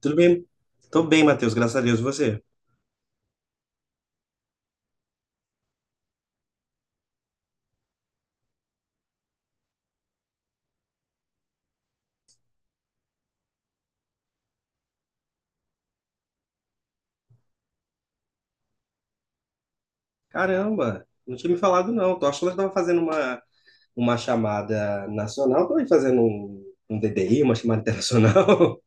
Tudo bem? Tô bem, Matheus, graças a Deus. E você? Caramba, não tinha me falado não. Tô achando que tava fazendo uma chamada nacional, tô aí fazendo um DDI, uma chamada internacional.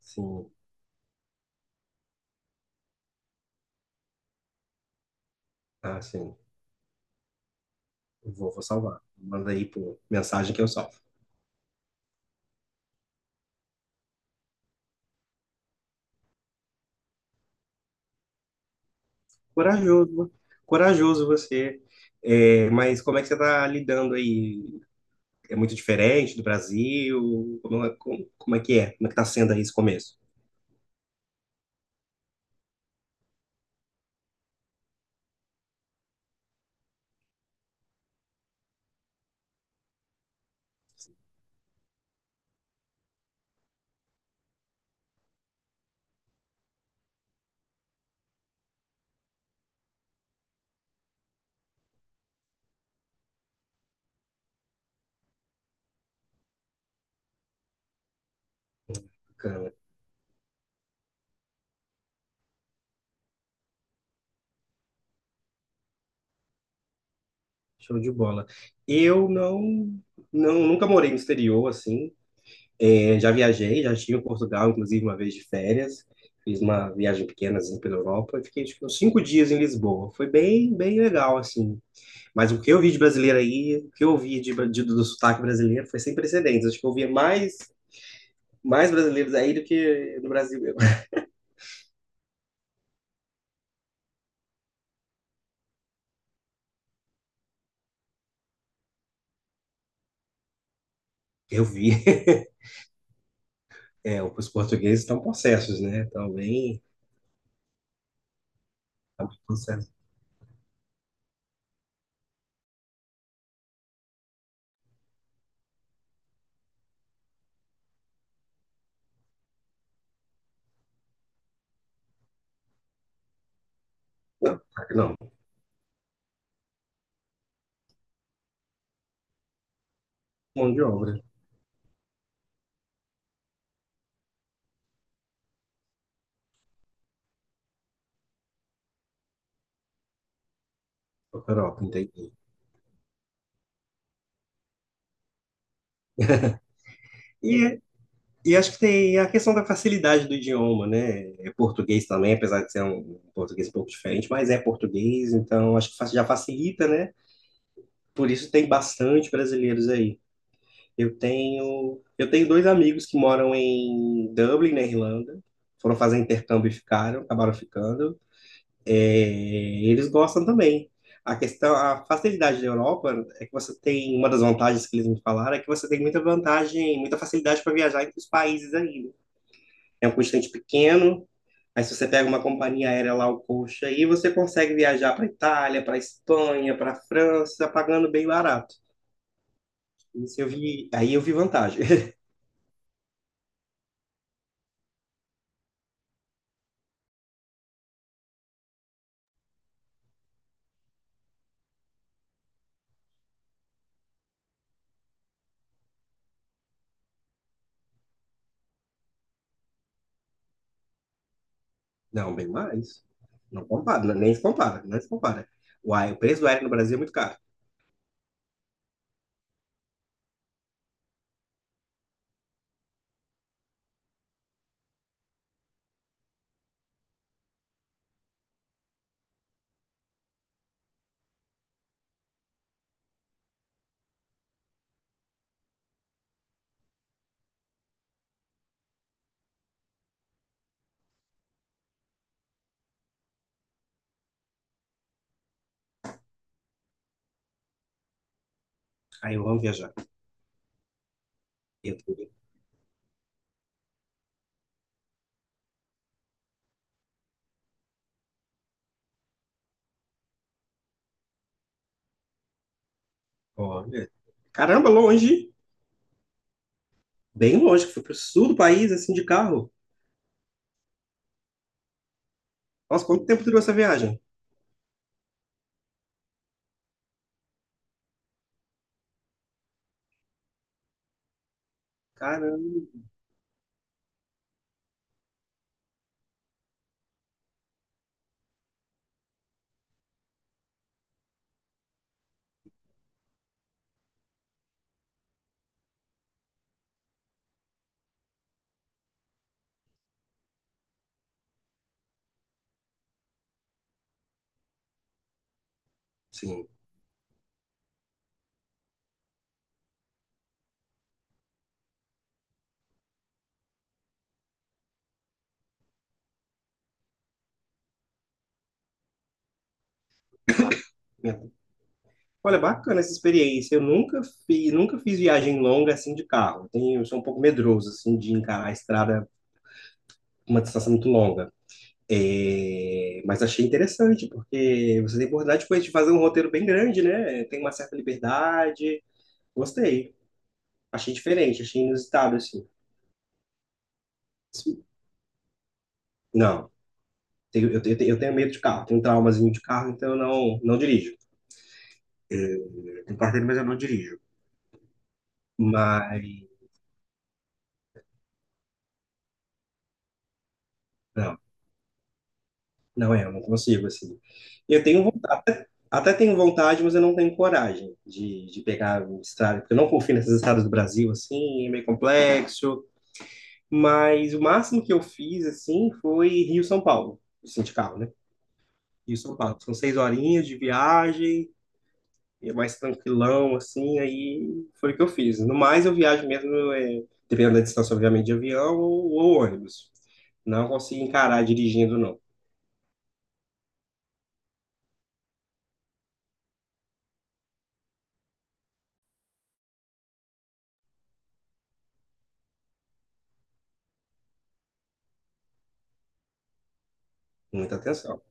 Sim, ah, sim. Vou salvar. Manda aí por mensagem que eu salvo. Corajoso, corajoso você. É, mas como é que você tá lidando aí? É muito diferente do Brasil? Como é que é? Como é que tá sendo aí esse começo? Show de bola. Eu não nunca morei no exterior assim. É, já viajei, já estive em Portugal, inclusive uma vez de férias. Fiz uma viagem pequena assim, pela Europa e fiquei acho que uns 5 dias em Lisboa. Foi bem, bem legal assim. Mas o que eu vi de brasileiro aí, o que eu vi do sotaque brasileiro foi sem precedentes. Acho que eu via mais brasileiros aí do que no Brasil mesmo. Eu vi. É, os portugueses estão possessos, né? Estão bem, estão possessos. Não, não, mão de obra. Europa, entendi. E acho que tem a questão da facilidade do idioma, né? É português também, apesar de ser um português um pouco diferente, mas é português, então acho que já facilita, né? Por isso tem bastante brasileiros aí. Eu tenho dois amigos que moram em Dublin, na Irlanda. Foram fazer intercâmbio e ficaram, acabaram ficando. É, eles gostam também. A questão, a facilidade da Europa é que você tem, uma das vantagens que eles me falaram é que você tem muita vantagem, muita facilidade para viajar entre os países aí, né? É um constante pequeno. Aí se você pega uma companhia aérea lá, o coxa, aí você consegue viajar para Itália, para Espanha, para França, pagando bem barato. Isso eu vi, aí eu vi vantagem. Não, bem mais. Não compara, é nem se compara, não se compara. Uai, o preço do aéreo no Brasil é muito caro. Aí eu amo viajar. Eu fui, olha, caramba, longe, bem longe, que fui pro sul do país, assim, de carro. Nossa, quanto tempo durou essa viagem? Caramba, sim. Olha, bacana essa experiência. Eu nunca fiz, nunca fiz viagem longa assim de carro. Eu sou um pouco medroso assim de encarar a estrada uma distância muito longa. É, mas achei interessante porque você tem oportunidade depois de fazer um roteiro bem grande, né? Tem uma certa liberdade. Gostei. Achei diferente, achei inusitado assim. Sim. Não, eu tenho medo de carro, tenho um traumazinho de carro, então eu não dirijo. Eu tenho carteira, mas eu não dirijo. Mas não. Não é, eu não consigo, assim. Eu tenho vontade, até tenho vontade, mas eu não tenho coragem de pegar um estrada, porque eu não confio nessas estradas do Brasil, assim, é meio complexo. Mas o máximo que eu fiz, assim, foi Rio-São Paulo, assim, de carro, né? Rio-São Paulo. São 6 horinhas de viagem, é mais tranquilão, assim, aí foi o que eu fiz. No mais, eu viajo mesmo, é, dependendo da distância, obviamente, de avião ou ônibus. Não consigo encarar dirigindo, não. Muita atenção.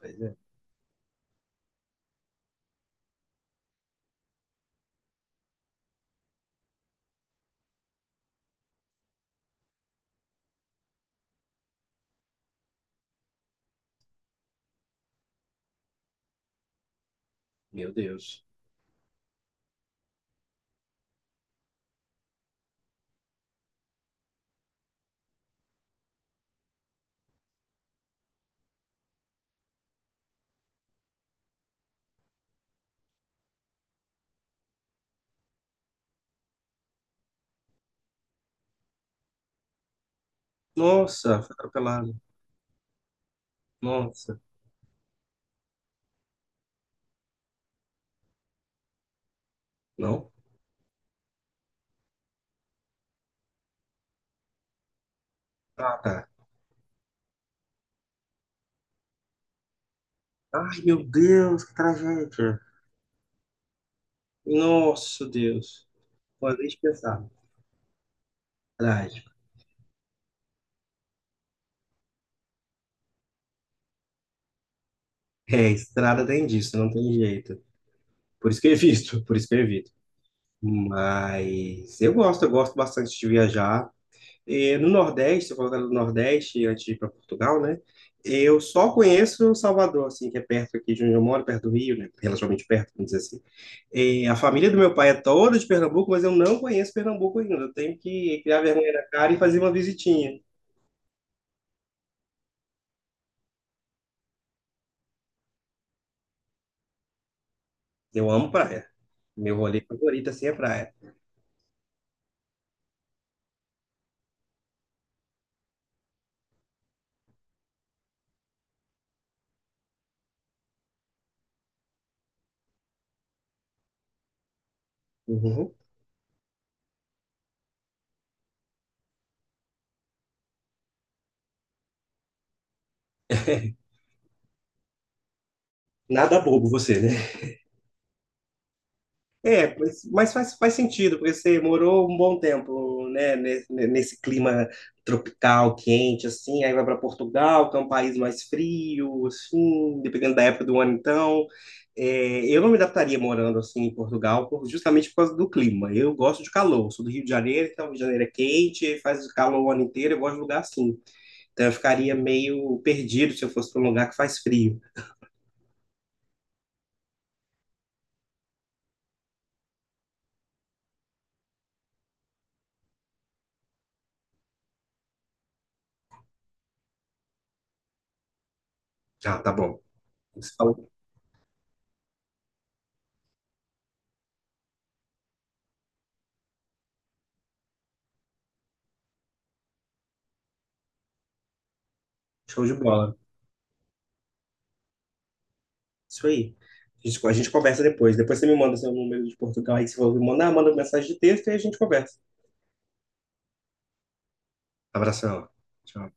Pois é. Meu Deus. Nossa, foi atropelado. Nossa, não? Ah, tá. Ai, meu Deus, que tragédia. Nossa, Deus. Pode nem pensar. Trágico. É, estrada tem disso, não tem jeito. Por isso que eu evito, por isso que eu evito. Mas eu gosto bastante de viajar. E no Nordeste, se eu colocando no Nordeste, antes de ir para Portugal, né? Eu só conheço Salvador, assim, que é perto aqui de onde eu moro, perto do Rio, né? Relativamente perto, vamos dizer assim. E a família do meu pai é toda de Pernambuco, mas eu não conheço Pernambuco ainda. Eu tenho que criar vergonha na cara e fazer uma visitinha. Eu amo praia. Meu rolê favorito, assim, é praia. Uhum. Nada bobo você, né? É, mas faz, faz sentido, porque você morou um bom tempo, né, nesse clima tropical, quente, assim, aí vai para Portugal, que é um país mais frio, assim, dependendo da época do ano, então. É, eu não me adaptaria morando assim em Portugal, justamente por causa do clima. Eu gosto de calor, sou do Rio de Janeiro, então o Rio de Janeiro é quente, faz calor o ano inteiro, eu gosto de lugar assim. Então eu ficaria meio perdido se eu fosse para um lugar que faz frio. Ah, tá bom. Você falou, show de bola. Isso aí. A gente conversa depois. Depois você me manda seu número de Portugal aí, que você falou, me manda, manda mensagem de texto e a gente conversa. Abração. Tchau.